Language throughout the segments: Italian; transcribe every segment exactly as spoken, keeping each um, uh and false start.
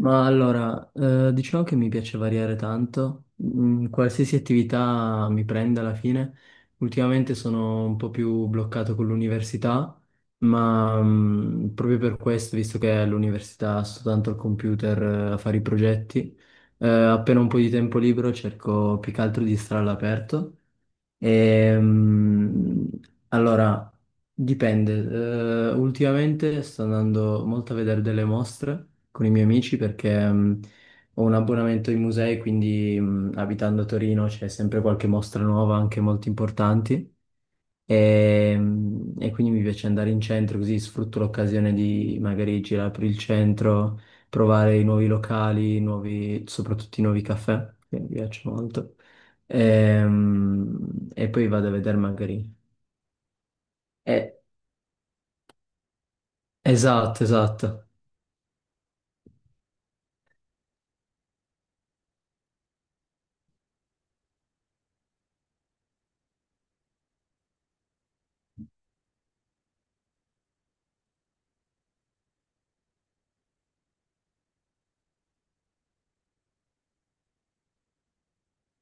Ma allora, eh, diciamo che mi piace variare tanto. Mm, qualsiasi attività mi prende alla fine. Ultimamente sono un po' più bloccato con l'università, ma mm, proprio per questo, visto che all'università sto tanto al computer, eh, a fare i progetti, eh, appena ho un po' di tempo libero cerco più che altro di stare all'aperto. Ehm, allora, dipende. Eh, ultimamente sto andando molto a vedere delle mostre con i miei amici perché mh, ho un abbonamento ai musei, quindi mh, abitando a Torino c'è sempre qualche mostra nuova, anche molto importanti. E, mm, e quindi mi piace andare in centro così sfrutto l'occasione di magari girare per il centro, provare i nuovi locali, i nuovi- soprattutto i nuovi caffè, che mi piacciono molto. E, mm, e poi vado a vedere magari. Eh, esatto, esatto.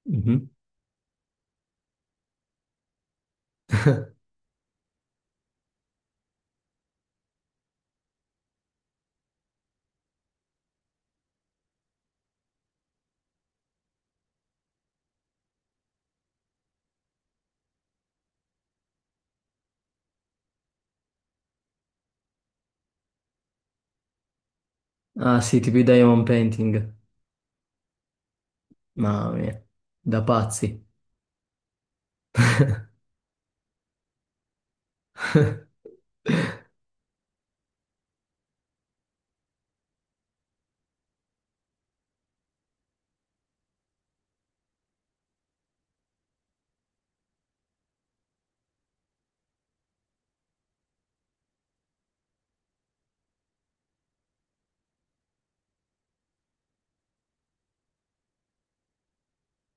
Mhm. Ah sì, tipo i diamond painting. Mamma mia, da pazzi.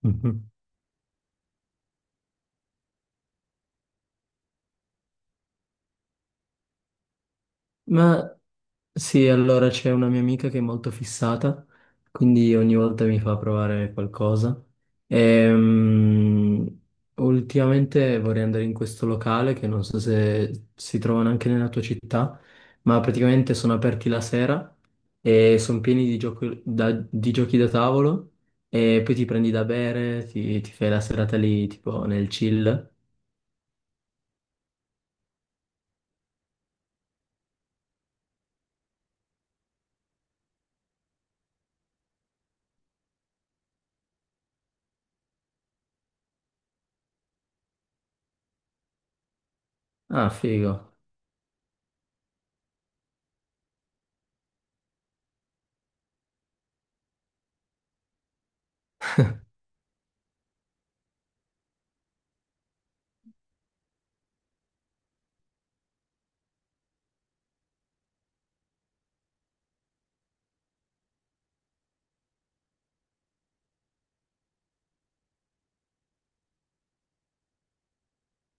Ma sì, allora c'è una mia amica che è molto fissata, quindi ogni volta mi fa provare qualcosa. Ehm, Ultimamente vorrei andare in questo locale che non so se si trovano anche nella tua città, ma praticamente sono aperti la sera e sono pieni di gioco- da- di giochi da tavolo e poi ti prendi da bere, ti, ti fai la serata lì tipo nel chill. Ah, figo.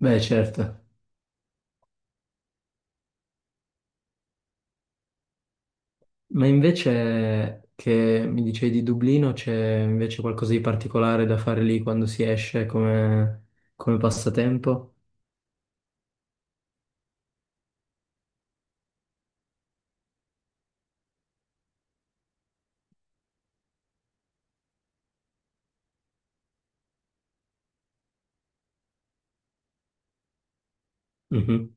Beh, certo. Ma invece che mi dicevi di Dublino, c'è invece qualcosa di particolare da fare lì quando si esce come, come passatempo? Mhm.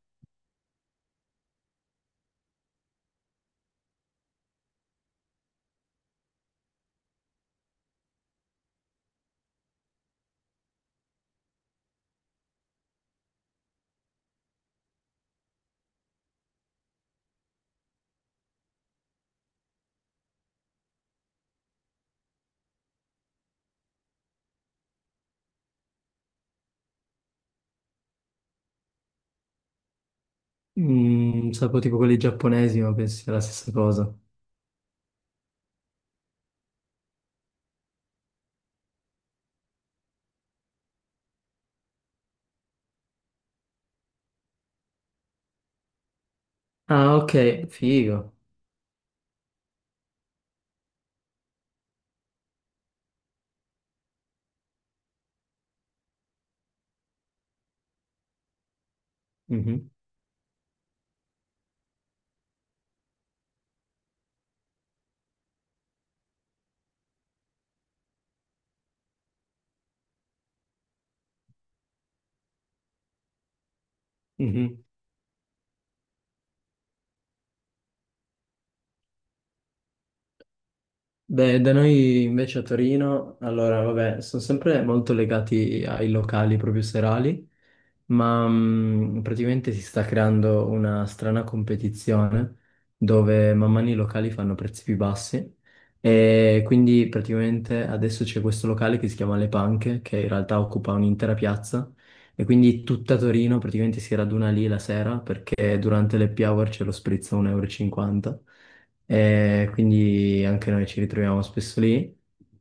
Mm, sapevo tipo quelli giapponesi, ma penso sia la stessa cosa. Ah, ok, figo. Mhm, mhm. Beh, da noi invece a Torino, allora, vabbè, sono sempre molto legati ai locali proprio serali, ma mh, praticamente si sta creando una strana competizione dove man mano i locali fanno prezzi più bassi e quindi praticamente adesso c'è questo locale che si chiama Le Panche, che in realtà occupa un'intera piazza e quindi tutta Torino praticamente si raduna lì la sera perché durante le happy hour c'è lo spritz a un euro e cinquanta e cinquanta e quindi anche noi ci ritroviamo spesso lì.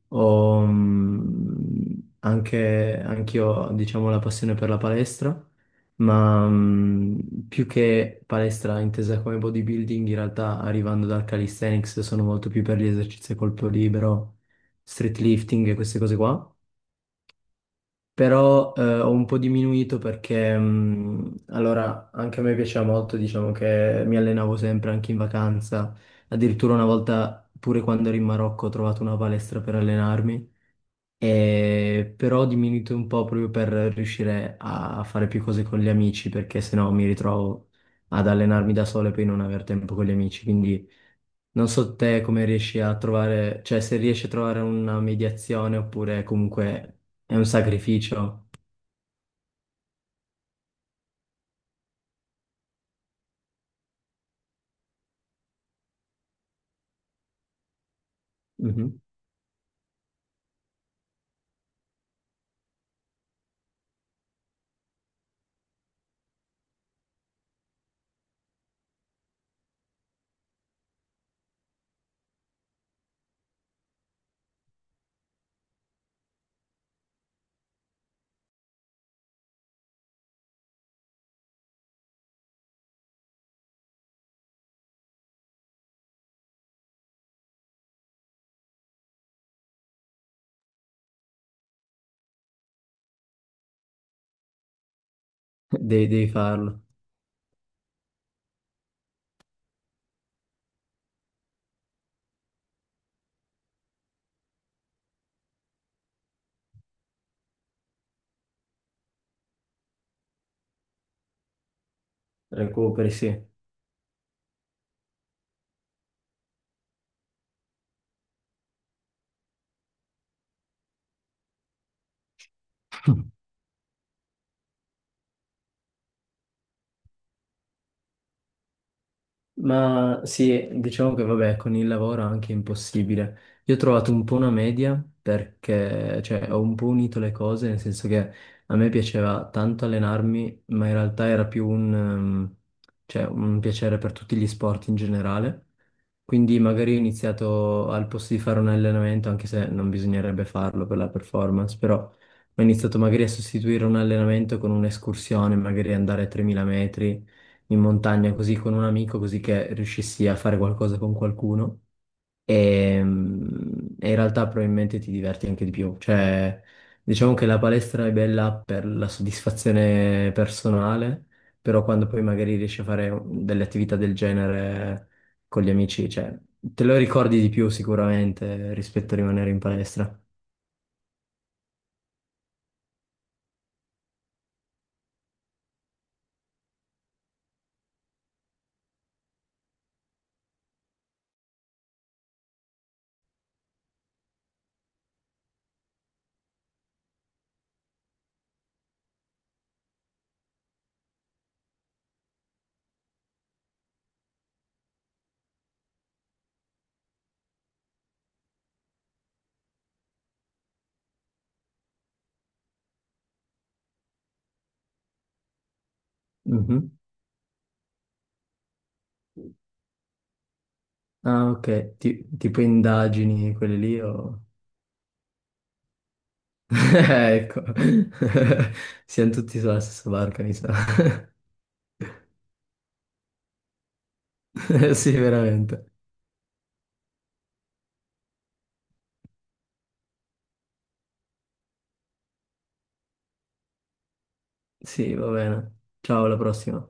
Ho, mm, anche, anch'io, diciamo, la passione per la palestra, ma mm, più che palestra intesa come bodybuilding, in realtà arrivando dal calisthenics sono molto più per gli esercizi a colpo libero, street lifting e queste cose qua. Però eh, ho un po' diminuito perché mh, allora anche a me piaceva molto, diciamo che mi allenavo sempre anche in vacanza, addirittura una volta pure quando ero in Marocco ho trovato una palestra per allenarmi, e però ho diminuito un po' proprio per riuscire a fare più cose con gli amici perché sennò mi ritrovo ad allenarmi da solo e poi non aver tempo con gli amici, quindi non so te come riesci a trovare, cioè se riesci a trovare una mediazione oppure comunque è un sacrificio. Mhm. Devi, devi farlo. Recuperi, sì. Ma sì, diciamo che vabbè, con il lavoro è anche impossibile. Io ho trovato un po' una media perché, cioè, ho un po' unito le cose, nel senso che a me piaceva tanto allenarmi, ma in realtà era più un, ehm, cioè, un piacere per tutti gli sport in generale. Quindi magari ho iniziato al posto di fare un allenamento, anche se non bisognerebbe farlo per la performance, però ho iniziato magari a sostituire un allenamento con un'escursione, magari andare a tremila metri in montagna così con un amico, così che riuscissi a fare qualcosa con qualcuno. E, mm, e in realtà probabilmente ti diverti anche di più. Cioè, diciamo che la palestra è bella per la soddisfazione personale, però quando poi magari riesci a fare delle attività del genere con gli amici, cioè, te lo ricordi di più sicuramente rispetto a rimanere in palestra. Mhm. Ah, ok. Ti- tipo indagini, quelle lì o... Eh, ecco, siamo tutti sulla stessa barca, mi sa. Sì, veramente. Sì, va bene. Ciao, alla prossima.